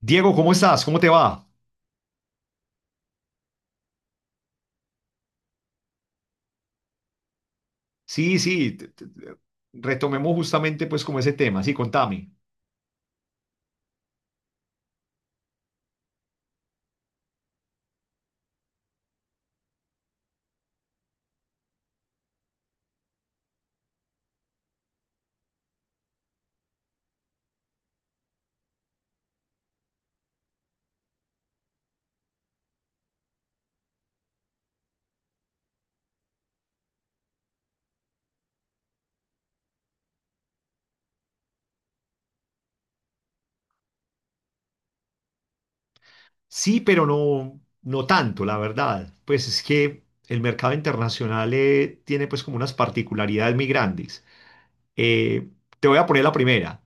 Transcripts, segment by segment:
Diego, ¿cómo estás? ¿Cómo te va? Sí, sí, retomemos justamente pues como ese tema, sí, contame. Sí, pero no, no tanto, la verdad. Pues es que el mercado internacional tiene pues como unas particularidades muy grandes. Eh, Te voy a poner la primera.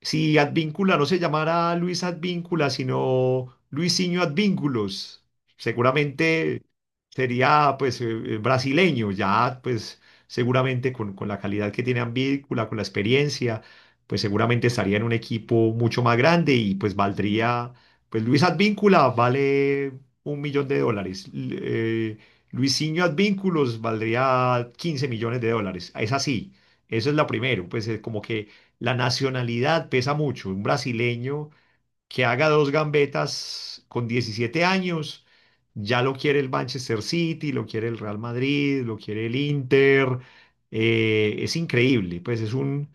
Si Advíncula no se llamara Luis Advíncula, sino Luisinho Advínculos, seguramente sería pues brasileño, ya pues seguramente con la calidad que tiene Advíncula, con la experiencia, pues seguramente estaría en un equipo mucho más grande y pues valdría, pues Luis Advíncula vale 1 millón de dólares. Luisinho Advínculos valdría 15 millones de dólares. Es así, eso es lo primero, pues es como que la nacionalidad pesa mucho. Un brasileño que haga dos gambetas con 17 años, ya lo quiere el Manchester City, lo quiere el Real Madrid, lo quiere el Inter. Es increíble, pues es un,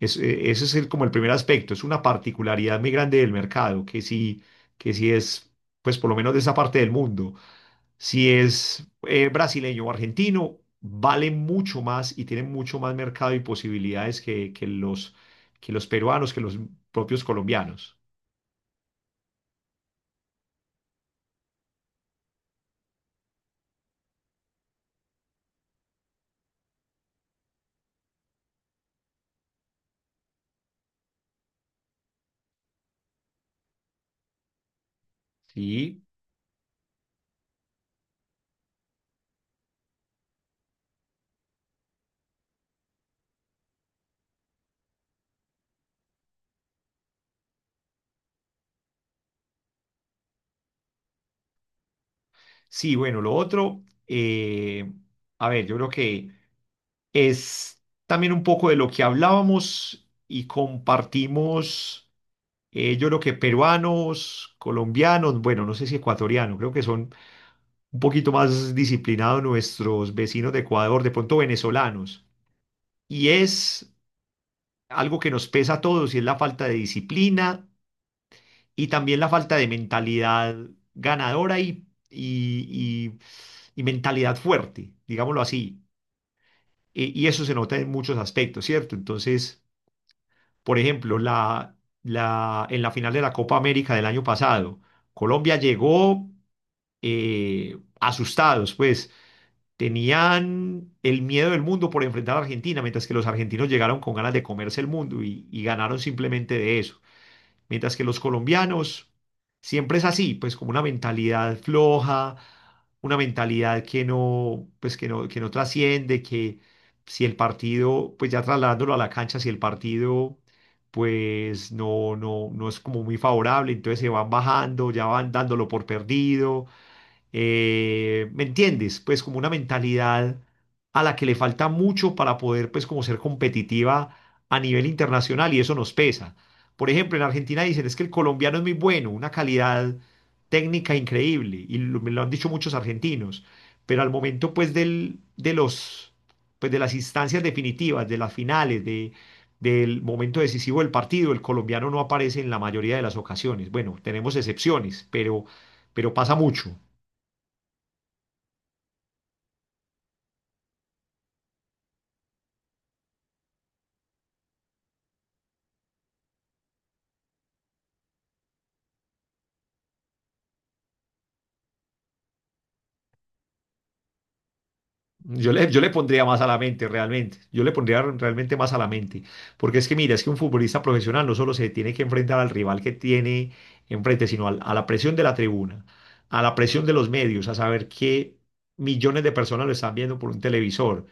es, ese es el, como el primer aspecto, es una particularidad muy grande del mercado, que sí es, pues por lo menos de esa parte del mundo, si es brasileño o argentino, vale mucho más y tiene mucho más mercado y posibilidades que los peruanos, que los propios colombianos. Sí, sí, bueno, lo otro, a ver, yo creo que es también un poco de lo que hablábamos y compartimos. Yo creo que peruanos, colombianos, bueno, no sé si ecuatorianos, creo que son un poquito más disciplinados nuestros vecinos de Ecuador, de pronto venezolanos. Y es algo que nos pesa a todos y es la falta de disciplina y también la falta de mentalidad ganadora y mentalidad fuerte, digámoslo así. Y eso se nota en muchos aspectos, ¿cierto? Entonces, por ejemplo, en la final de la Copa América del año pasado, Colombia llegó asustados, pues tenían el miedo del mundo por enfrentar a Argentina, mientras que los argentinos llegaron con ganas de comerse el mundo y ganaron simplemente de eso. Mientras que los colombianos siempre es así, pues como una mentalidad floja, una mentalidad que no trasciende, que si el partido, pues ya trasladándolo a la cancha, si el partido pues no, no, no es como muy favorable, entonces se van bajando, ya van dándolo por perdido, ¿me entiendes? Pues como una mentalidad a la que le falta mucho para poder pues como ser competitiva a nivel internacional y eso nos pesa. Por ejemplo, en Argentina dicen es que el colombiano es muy bueno, una calidad técnica increíble y me lo han dicho muchos argentinos, pero al momento pues del, de los pues de las instancias definitivas, de las finales, de del momento decisivo del partido, el colombiano no aparece en la mayoría de las ocasiones. Bueno, tenemos excepciones, pero pasa mucho. Yo le pondría más a la mente, realmente. Yo le pondría realmente más a la mente. Porque es que, mira, es que un futbolista profesional no solo se tiene que enfrentar al rival que tiene enfrente, sino a la presión de la tribuna, a la presión de los medios, a saber que millones de personas lo están viendo por un televisor,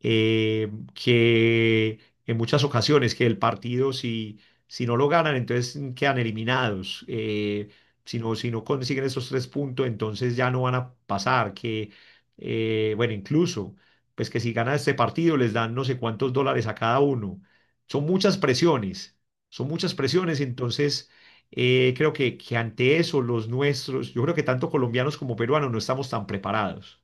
que en muchas ocasiones que el partido si no lo ganan, entonces quedan eliminados. Si no, si no consiguen esos 3 puntos, entonces ya no van a pasar. Bueno, incluso, pues que si ganan este partido les dan no sé cuántos dólares a cada uno. Son muchas presiones, son muchas presiones, entonces... Creo que ante eso los nuestros, yo creo que tanto colombianos como peruanos no estamos tan preparados.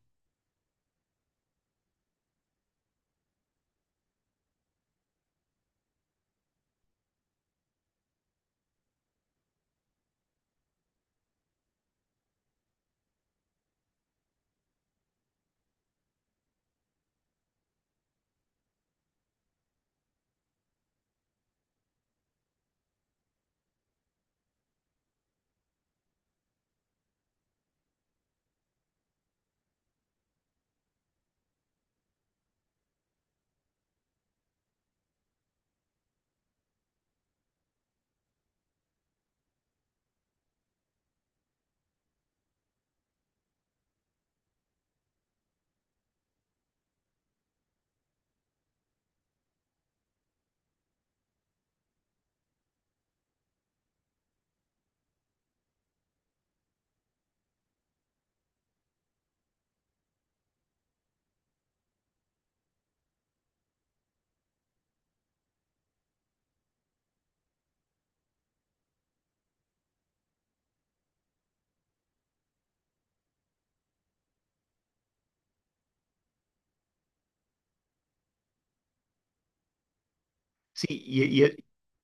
Sí, y, y es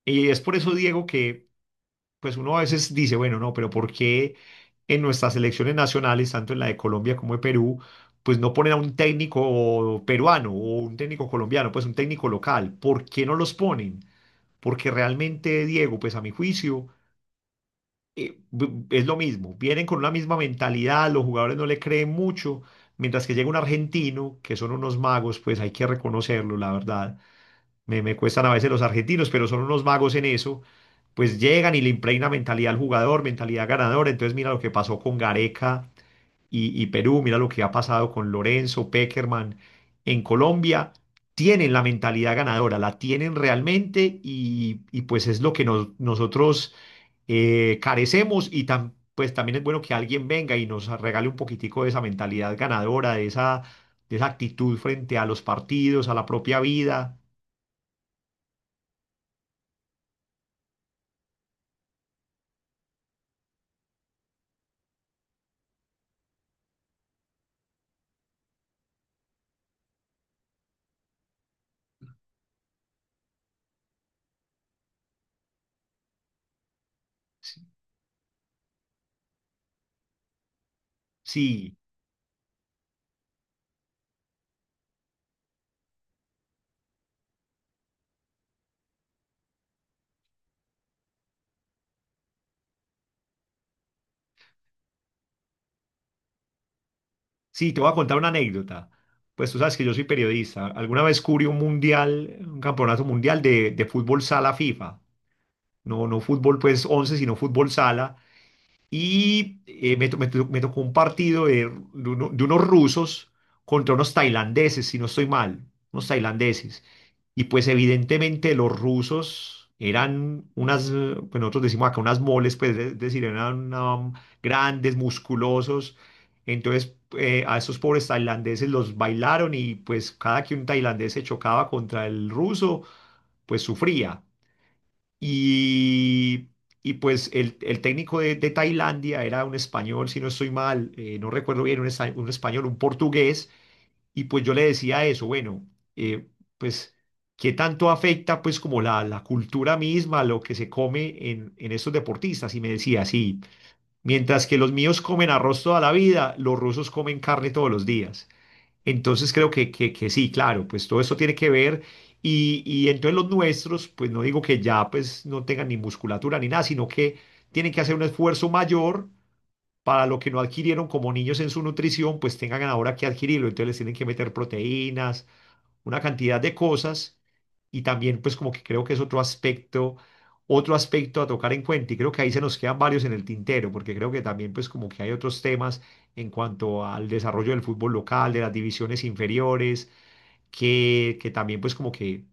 y es por eso, Diego, que pues uno a veces dice, bueno, no, pero ¿por qué en nuestras selecciones nacionales, tanto en la de Colombia como de Perú, pues no ponen a un técnico peruano o un técnico colombiano, pues un técnico local? ¿Por qué no los ponen? Porque realmente, Diego, pues a mi juicio, es lo mismo. Vienen con una misma mentalidad, los jugadores no le creen mucho, mientras que llega un argentino, que son unos magos, pues hay que reconocerlo, la verdad me cuestan a veces los argentinos, pero son unos magos en eso, pues llegan y le impregna mentalidad al jugador, mentalidad ganadora. Entonces mira lo que pasó con Gareca y Perú, mira lo que ha pasado con Lorenzo, Pekerman en Colombia. Tienen la mentalidad ganadora, la tienen realmente y pues es lo que nosotros carecemos y pues también es bueno que alguien venga y nos regale un poquitico de esa mentalidad ganadora, de esa actitud frente a los partidos, a la propia vida. Sí, sí, te voy a contar una anécdota. Pues tú sabes que yo soy periodista. Alguna vez cubrí un mundial, un campeonato mundial de fútbol sala FIFA. No, no fútbol pues 11, sino fútbol sala. Y me tocó un partido de unos rusos contra unos tailandeses, si no estoy mal, unos tailandeses. Y pues evidentemente los rusos eran pues nosotros decimos acá unas moles, pues es decir, eran grandes, musculosos. Entonces a esos pobres tailandeses los bailaron y pues cada que un tailandés se chocaba contra el ruso, pues sufría. Y, y pues el técnico de Tailandia era un español, si no estoy mal, no recuerdo bien, un español, un portugués y pues yo le decía eso, bueno, eh, pues, ¿qué tanto afecta pues como la cultura misma, lo que se come en estos deportistas? Y me decía, sí, mientras que los míos comen arroz toda la vida, los rusos comen carne todos los días. Entonces creo que sí, claro, pues todo esto tiene que ver. Y entonces los nuestros, pues no digo que ya pues no tengan ni musculatura ni nada, sino que tienen que hacer un esfuerzo mayor para lo que no adquirieron como niños en su nutrición, pues tengan ahora que adquirirlo. Entonces les tienen que meter proteínas, una cantidad de cosas y también pues como que creo que es otro aspecto a tocar en cuenta y creo que ahí se nos quedan varios en el tintero porque creo que también pues como que hay otros temas en cuanto al desarrollo del fútbol local, de las divisiones inferiores, que también pues como que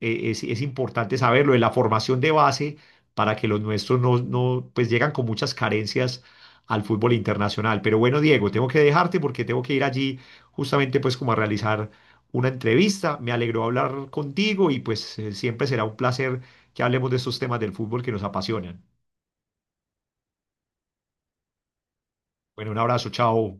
es importante saberlo, de la formación de base para que los nuestros no, no, pues llegan con muchas carencias al fútbol internacional. Pero bueno, Diego, tengo que dejarte porque tengo que ir allí justamente pues como a realizar una entrevista. Me alegró hablar contigo y pues siempre será un placer que hablemos de estos temas del fútbol que nos apasionan. Bueno, un abrazo, chao.